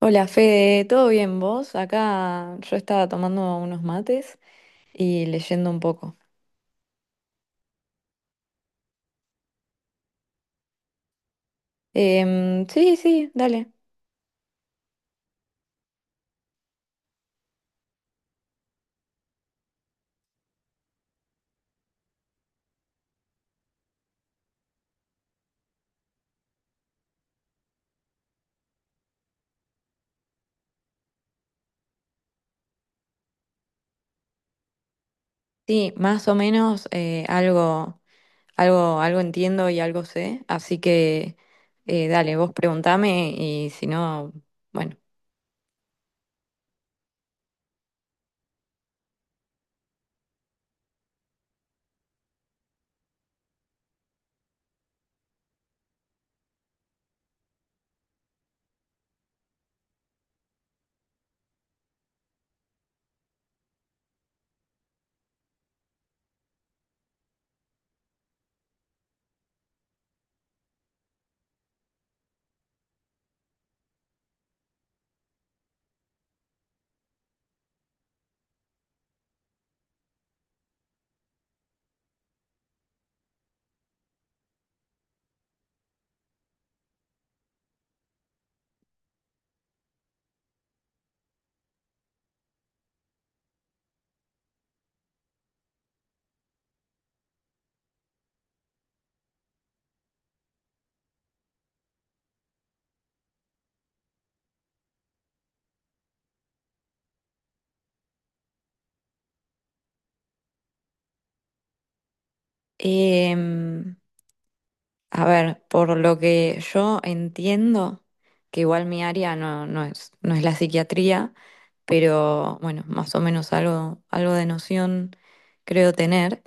Hola Fede, ¿todo bien vos? Acá yo estaba tomando unos mates y leyendo un poco. Sí, sí, dale. Sí, más o menos algo entiendo y algo sé, así que dale, vos preguntame y si no, bueno. Em, A ver, por lo que yo entiendo, que igual mi área no es la psiquiatría, pero bueno, más o menos algo de noción creo tener,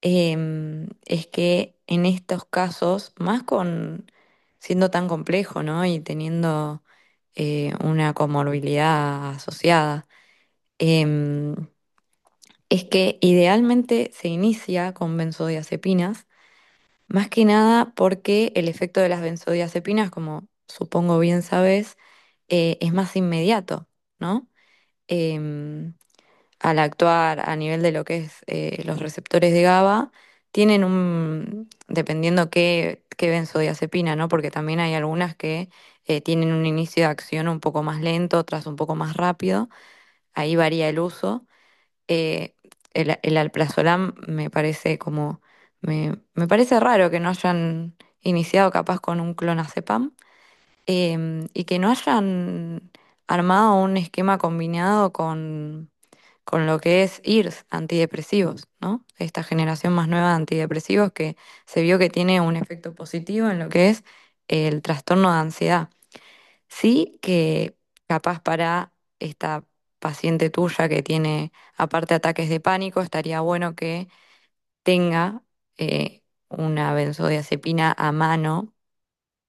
es que en estos casos, más con siendo tan complejo, ¿no? Y teniendo una comorbilidad asociada, em, es que idealmente se inicia con benzodiazepinas más que nada porque el efecto de las benzodiazepinas, como supongo bien sabes, es más inmediato, ¿no? Em, Al actuar a nivel de lo que es los receptores de GABA, tienen dependiendo qué benzodiazepina, ¿no? Porque también hay algunas que tienen un inicio de acción un poco más lento, otras un poco más rápido, ahí varía el uso, eh, el alprazolam me parece raro que no hayan iniciado capaz con un clonazepam eh, y que no hayan armado un esquema combinado con lo que es IRS, antidepresivos, ¿no? Esta generación más nueva de antidepresivos que se vio que tiene un efecto positivo en lo que es el trastorno de ansiedad. Sí, que capaz para esta paciente tuya que tiene aparte ataques de pánico, estaría bueno que tenga eh, una benzodiazepina a mano,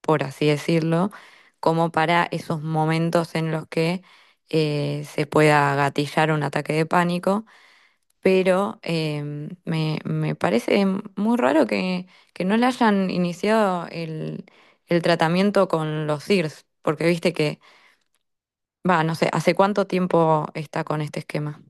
por así decirlo, como para esos momentos en los que se pueda gatillar un ataque de pánico. Pero me parece muy raro que no le hayan iniciado el tratamiento con los SIRS, porque viste que no sé, ¿hace cuánto tiempo está con este esquema?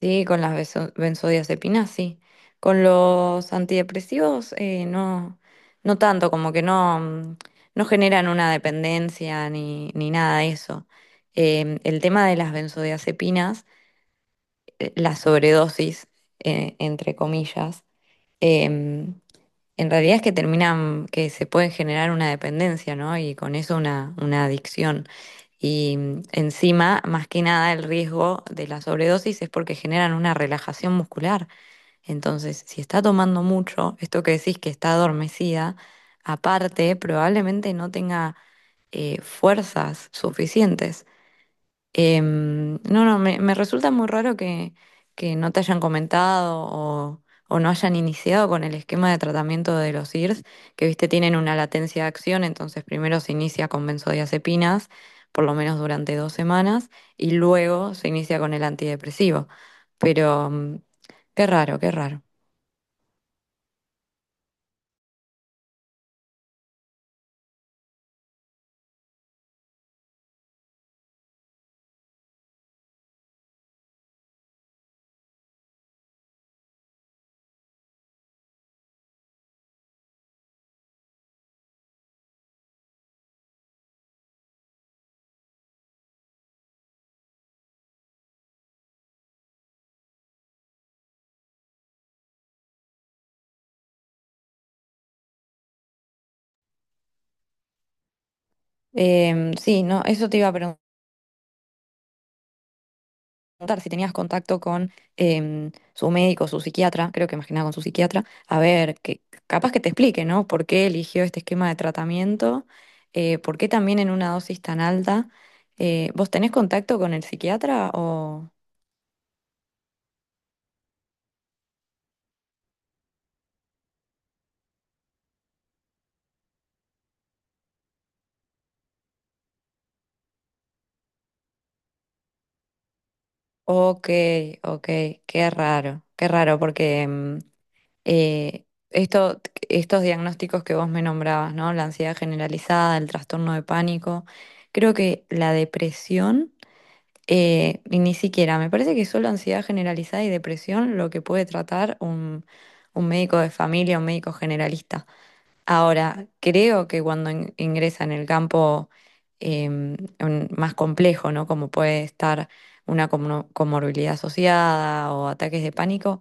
Sí, con las benzodiazepinas, sí. Con los antidepresivos, no, no tanto, como que no, no generan una dependencia ni nada de eso. El tema de las benzodiazepinas, la sobredosis, entre comillas, em, En realidad es que terminan, que se pueden generar una dependencia, ¿no? Y con eso una adicción. Y encima, más que nada, el riesgo de la sobredosis es porque generan una relajación muscular. Entonces, si está tomando mucho, esto que decís que está adormecida, aparte, probablemente no tenga fuerzas suficientes. No, no, me resulta muy raro que no te hayan comentado o no hayan iniciado con el esquema de tratamiento de los IRS, que viste tienen una latencia de acción, entonces primero se inicia con benzodiazepinas, por lo menos durante 2 semanas, y luego se inicia con el antidepresivo. Pero qué raro, qué raro. Sí, no, eso te iba a preguntar si tenías contacto con su médico, su psiquiatra, creo que más que nada con su psiquiatra, a ver, que capaz que te explique, ¿no? ¿Por qué eligió este esquema de tratamiento? ¿Por qué también en una dosis tan alta? ¿Vos tenés contacto con el psiquiatra o? Ok, ok, qué raro, porque eh, esto, estos diagnósticos que vos me nombrabas, ¿no? La ansiedad generalizada, el trastorno de pánico, creo que la depresión. Y ni siquiera, me parece que solo ansiedad generalizada y depresión lo que puede tratar un médico de familia, un médico generalista. Ahora, creo que cuando ingresa en el campo más complejo, ¿no? Como puede estar una comorbilidad asociada o ataques de pánico,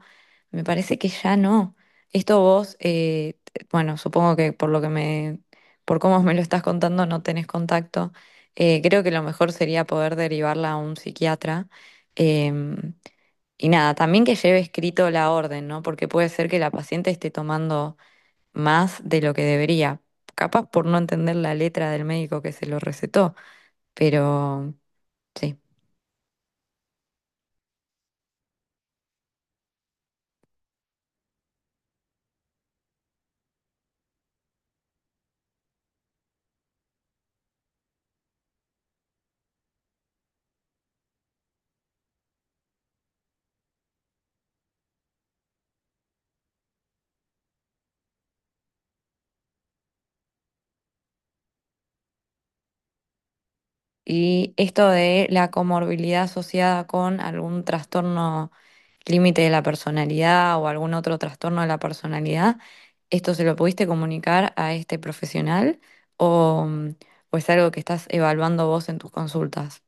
me parece que ya no. Esto vos, bueno, supongo que por cómo me lo estás contando, no tenés contacto. Creo que lo mejor sería poder derivarla a un psiquiatra. em, y nada, también que lleve escrito la orden, ¿no? Porque puede ser que la paciente esté tomando más de lo que debería. Capaz por no entender la letra del médico que se lo recetó, pero sí. Y esto de la comorbilidad asociada con algún trastorno límite de la personalidad o algún otro trastorno de la personalidad, ¿esto se lo pudiste comunicar a este profesional o, o es algo que estás evaluando vos en tus consultas?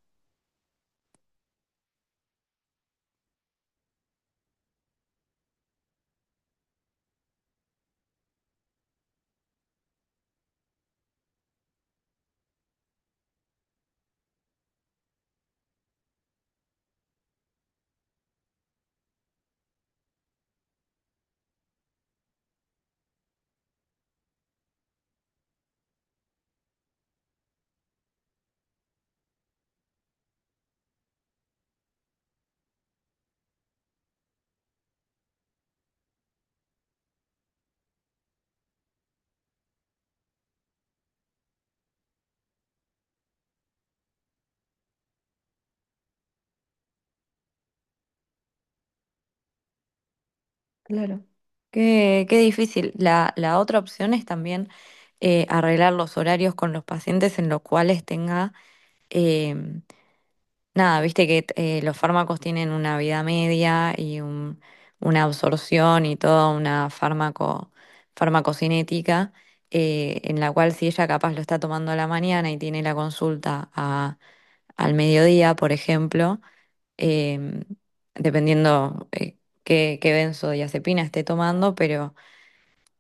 Claro. Qué difícil. La otra opción es también arreglar los horarios con los pacientes en los cuales tenga, eh, nada, viste que los fármacos tienen una vida media y una absorción y toda una farmacocinética, en la cual si ella capaz lo está tomando a la mañana y tiene la consulta al mediodía, por ejemplo, em, dependiendo qué benzodiazepina esté tomando, pero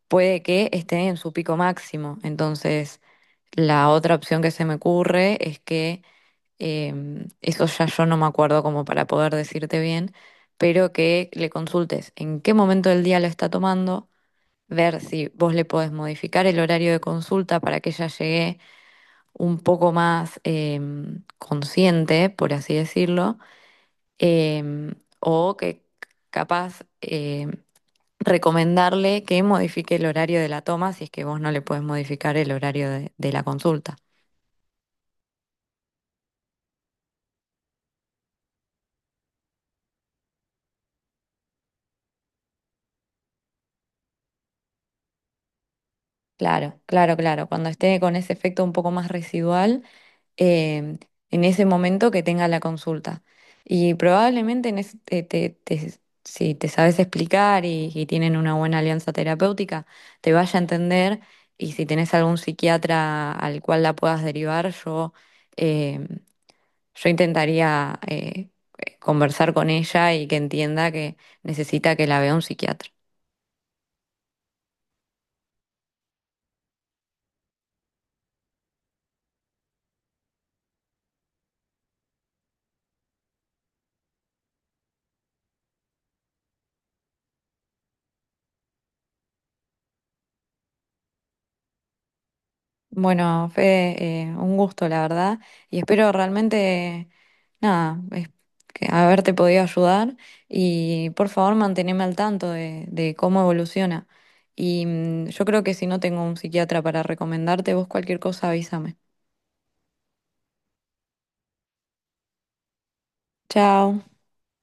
puede que esté en su pico máximo. Entonces, la otra opción que se me ocurre es que, eso ya yo no me acuerdo como para poder decirte bien, pero que le consultes en qué momento del día lo está tomando, ver si vos le podés modificar el horario de consulta para que ella llegue un poco más consciente, por así decirlo, em, o que capaz recomendarle que modifique el horario de la toma si es que vos no le podés modificar el horario de la consulta. Claro, claro, claro. Cuando esté con ese efecto un poco más residual, eh, en ese momento que tenga la consulta. Y probablemente en ese- te- te- te- si te sabes explicar y tienen una buena alianza terapéutica, te vaya a entender. Y si tenés algún psiquiatra al cual la puedas derivar, eh, Yo intentaría conversar con ella y que entienda que necesita que la vea un psiquiatra. Bueno, Fede, un gusto, la verdad, y espero realmente, nada, que haberte podido ayudar y por favor manteneme al tanto de cómo evoluciona. Y yo creo que si no tengo un psiquiatra para recomendarte, vos cualquier cosa avísame. Chao.